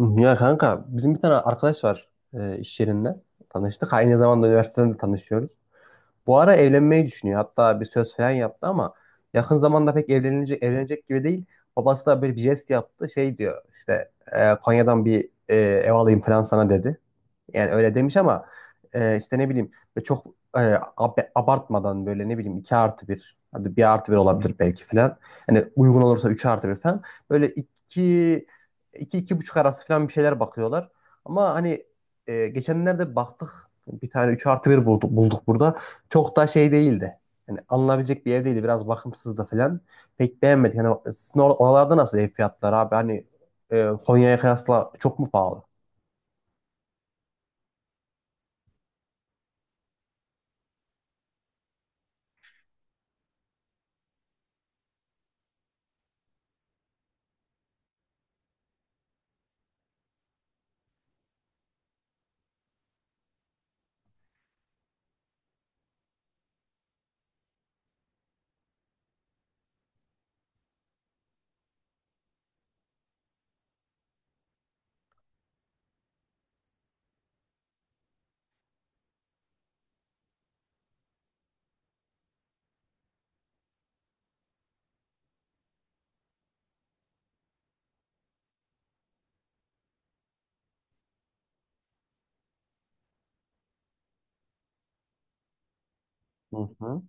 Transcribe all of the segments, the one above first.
Hı, Ya kanka bizim bir tane arkadaş var, iş yerinde tanıştık. Aynı zamanda üniversiteden de tanışıyoruz. Bu ara evlenmeyi düşünüyor. Hatta bir söz falan yaptı, ama yakın zamanda pek evlenecek gibi değil. Babası da böyle bir jest yaptı. Şey diyor işte, Konya'dan bir ev alayım falan sana dedi. Yani öyle demiş, ama işte ne bileyim böyle çok, abartmadan, böyle ne bileyim 2 artı bir, hadi bir artı bir olabilir belki falan. Hani uygun olursa 3 artı bir falan. Böyle iki, iki buçuk arası falan bir şeyler bakıyorlar. Ama hani geçenlerde baktık, bir tane 3 artı bir bulduk burada. Çok da şey değildi. Yani alınabilecek bir ev değildi. Biraz bakımsızdı falan. Pek beğenmedik. Yani sizin oralarda nasıl ev fiyatları abi? Hani Konya'ya kıyasla çok mu pahalı? Hı hı.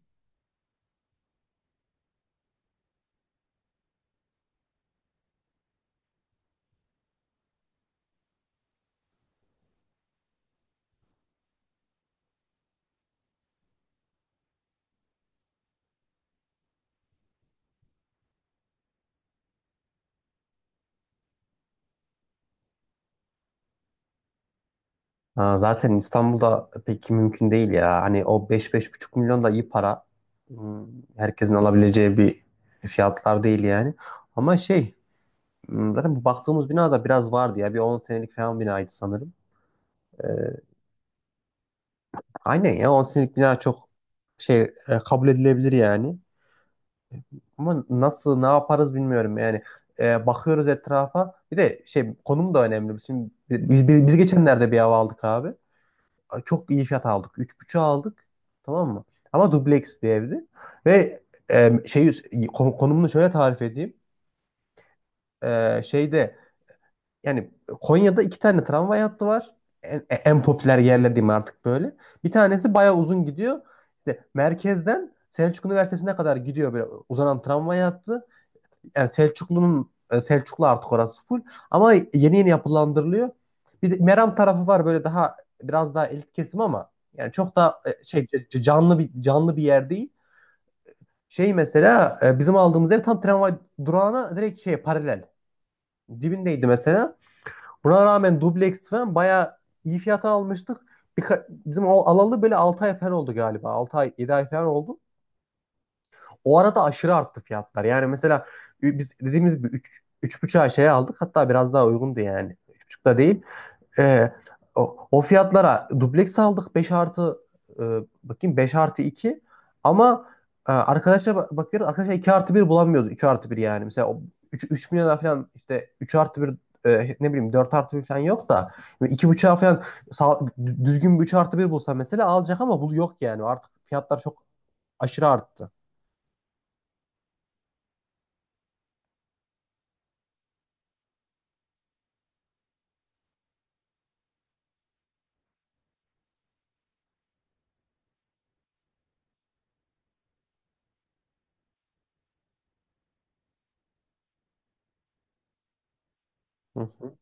Ha, zaten İstanbul'da pek mümkün değil ya. Hani o beş beş buçuk milyon da iyi para. Hmm, Herkesin alabileceği bir fiyatlar değil yani. Ama şey, zaten bu baktığımız bina da biraz vardı ya. Bir 10 senelik falan binaydı sanırım. Ee, aynen ya, 10 senelik bina çok şey, kabul edilebilir yani. Ama nasıl ne yaparız bilmiyorum yani. Bakıyoruz etrafa. Bir de şey, konum da önemli. Şimdi biz geçenlerde bir ev aldık abi. Çok iyi fiyat aldık. 3,5'a aldık. Tamam mı? Ama dubleks bir evdi. Ve şey, konumunu şöyle tarif edeyim. Şeyde yani, Konya'da iki tane tramvay hattı var. En popüler yerler diyeyim artık böyle. Bir tanesi bayağı uzun gidiyor. İşte merkezden Selçuk Üniversitesi'ne kadar gidiyor böyle uzanan tramvay hattı. Yani Selçuklu'nun, Selçuklu artık orası full, ama yeni yeni yapılandırılıyor. Bir de Meram tarafı var, böyle daha biraz daha elit kesim, ama yani çok da şey, canlı bir yer değil. Şey mesela, bizim aldığımız ev tam tramvay durağına direkt şey paralel. Dibindeydi mesela. Buna rağmen dubleks falan bayağı iyi fiyata almıştık. Bizim o alalı böyle 6 ay falan oldu galiba. 6 ay 7 ay falan oldu. O arada aşırı arttı fiyatlar. Yani mesela, biz dediğimiz gibi 3 3,5'a şey aldık. Hatta biraz daha uygundu yani. 3,5'da değil. Ee, o fiyatlara dubleks aldık, e, bakayım, 5 artı 2. Ama arkadaşa bakıyoruz, arkadaşlar 2 artı bir bulamıyoruz. 2 artı bir yani. Mesela o 3 milyona falan işte 3 artı bir, ne bileyim, 4 artı bir falan yok da 2,5'a falan sağ- düzgün bir 3 artı bir bulsa mesela alacak, ama bu yok yani. Artık fiyatlar çok aşırı arttı. Hı. Hı.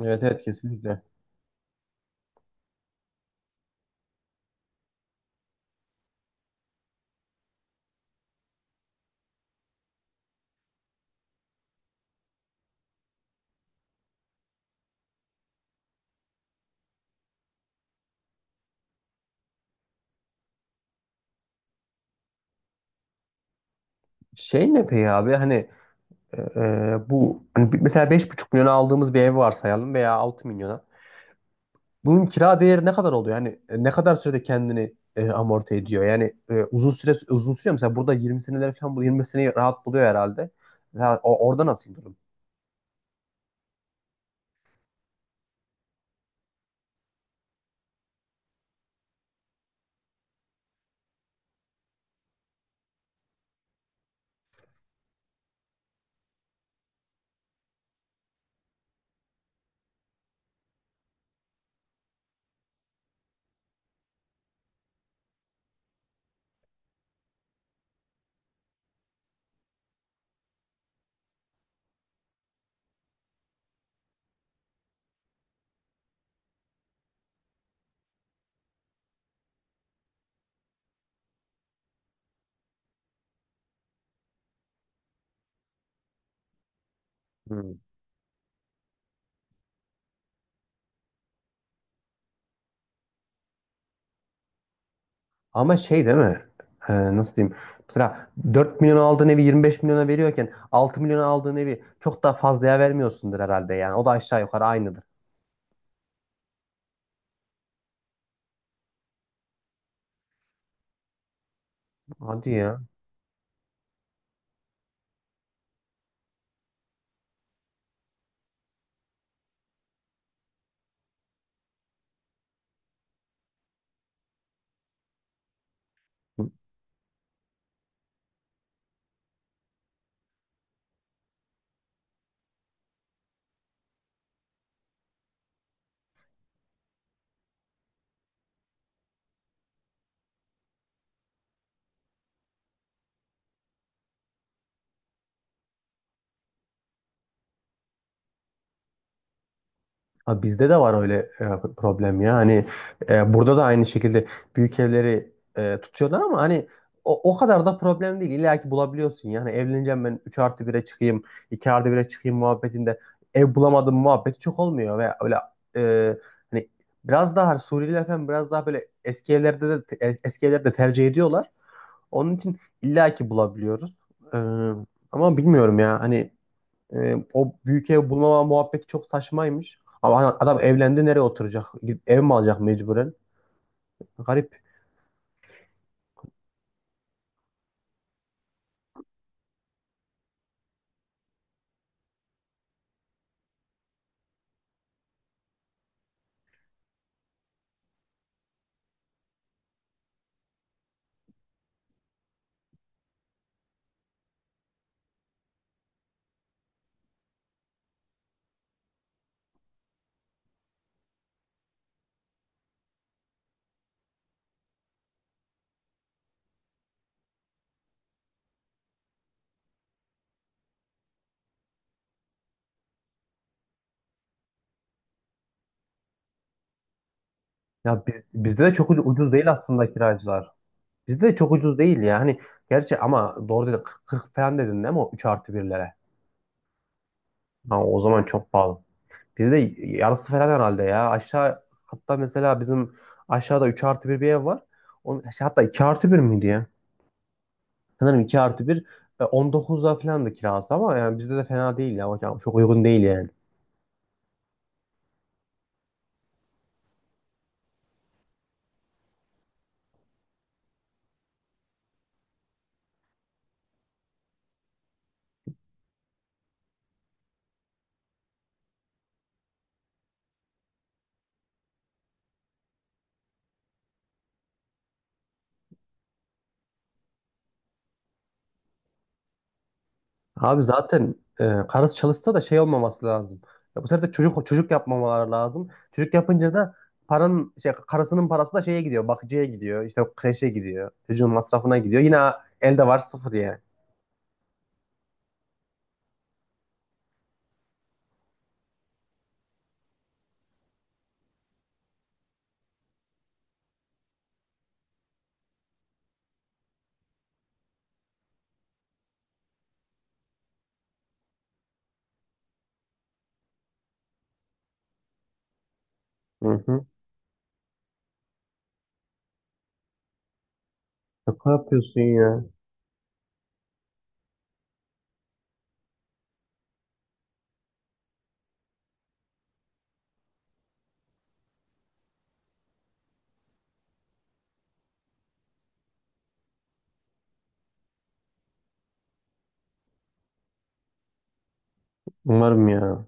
Evet, evet, kesinlikle. Şey ne peki abi, hani bu hani, mesela 5,5 milyona aldığımız bir ev varsayalım veya 6 milyona. Bunun kira değeri ne kadar oluyor? Yani ne kadar sürede kendini amorti ediyor? Yani, uzun sürüyor mu? Mesela burada 20 seneler falan, bu 20 seneyi rahat buluyor herhalde. Mesela orada nasıl durum? Hmm. Ama şey, değil mi? Nasıl diyeyim? Mesela 4 milyon aldığın evi 25 milyona veriyorken, 6 milyona aldığın evi çok daha fazlaya vermiyorsundur herhalde yani. O da aşağı yukarı aynıdır. Hadi ya. Ha, bizde de var öyle problem ya. Hani burada da aynı şekilde büyük evleri tutuyorlar, ama hani o kadar da problem değil. İlla ki bulabiliyorsun. Yani evleneceğim, ben 3 artı bire çıkayım, 2 artı bire çıkayım muhabbetinde ev bulamadım muhabbeti çok olmuyor. Ve öyle e, hani, biraz daha hani, Suriyeliler falan biraz daha böyle eski evlerde tercih ediyorlar. Onun için illa ki bulabiliyoruz. E, Ama bilmiyorum ya. Hani, o büyük ev bulmama muhabbeti çok saçmaymış. Ama hani adam evlendi, nereye oturacak? Gidip ev mi alacak mecburen? Garip. Ya, bizde de çok ucuz değil aslında kiracılar. Bizde de çok ucuz değil ya. Hani, gerçi ama doğru dedi, 40 falan dedin değil mi o 3 artı birlere. Ha, o zaman çok pahalı. Bizde yarısı falan herhalde ya. Aşağı, hatta mesela bizim aşağıda 3 artı bir bir ev var. Onun, şey, hatta 2 artı bir miydi ya? Sanırım 2 artı bir. 19'da falan da kirası, ama yani bizde de fena değil ya. Hocam çok uygun değil yani. Abi zaten karısı çalışsa da şey olmaması lazım. Ya bu sefer de çocuk yapmamaları lazım. Çocuk yapınca da paranın şey, karısının parası da şeye gidiyor, bakıcıya gidiyor, işte kreşe gidiyor, çocuğun masrafına gidiyor. Yine elde var sıfır yani. Hı hı. Şaka yapıyorsun ya. Umarım ya.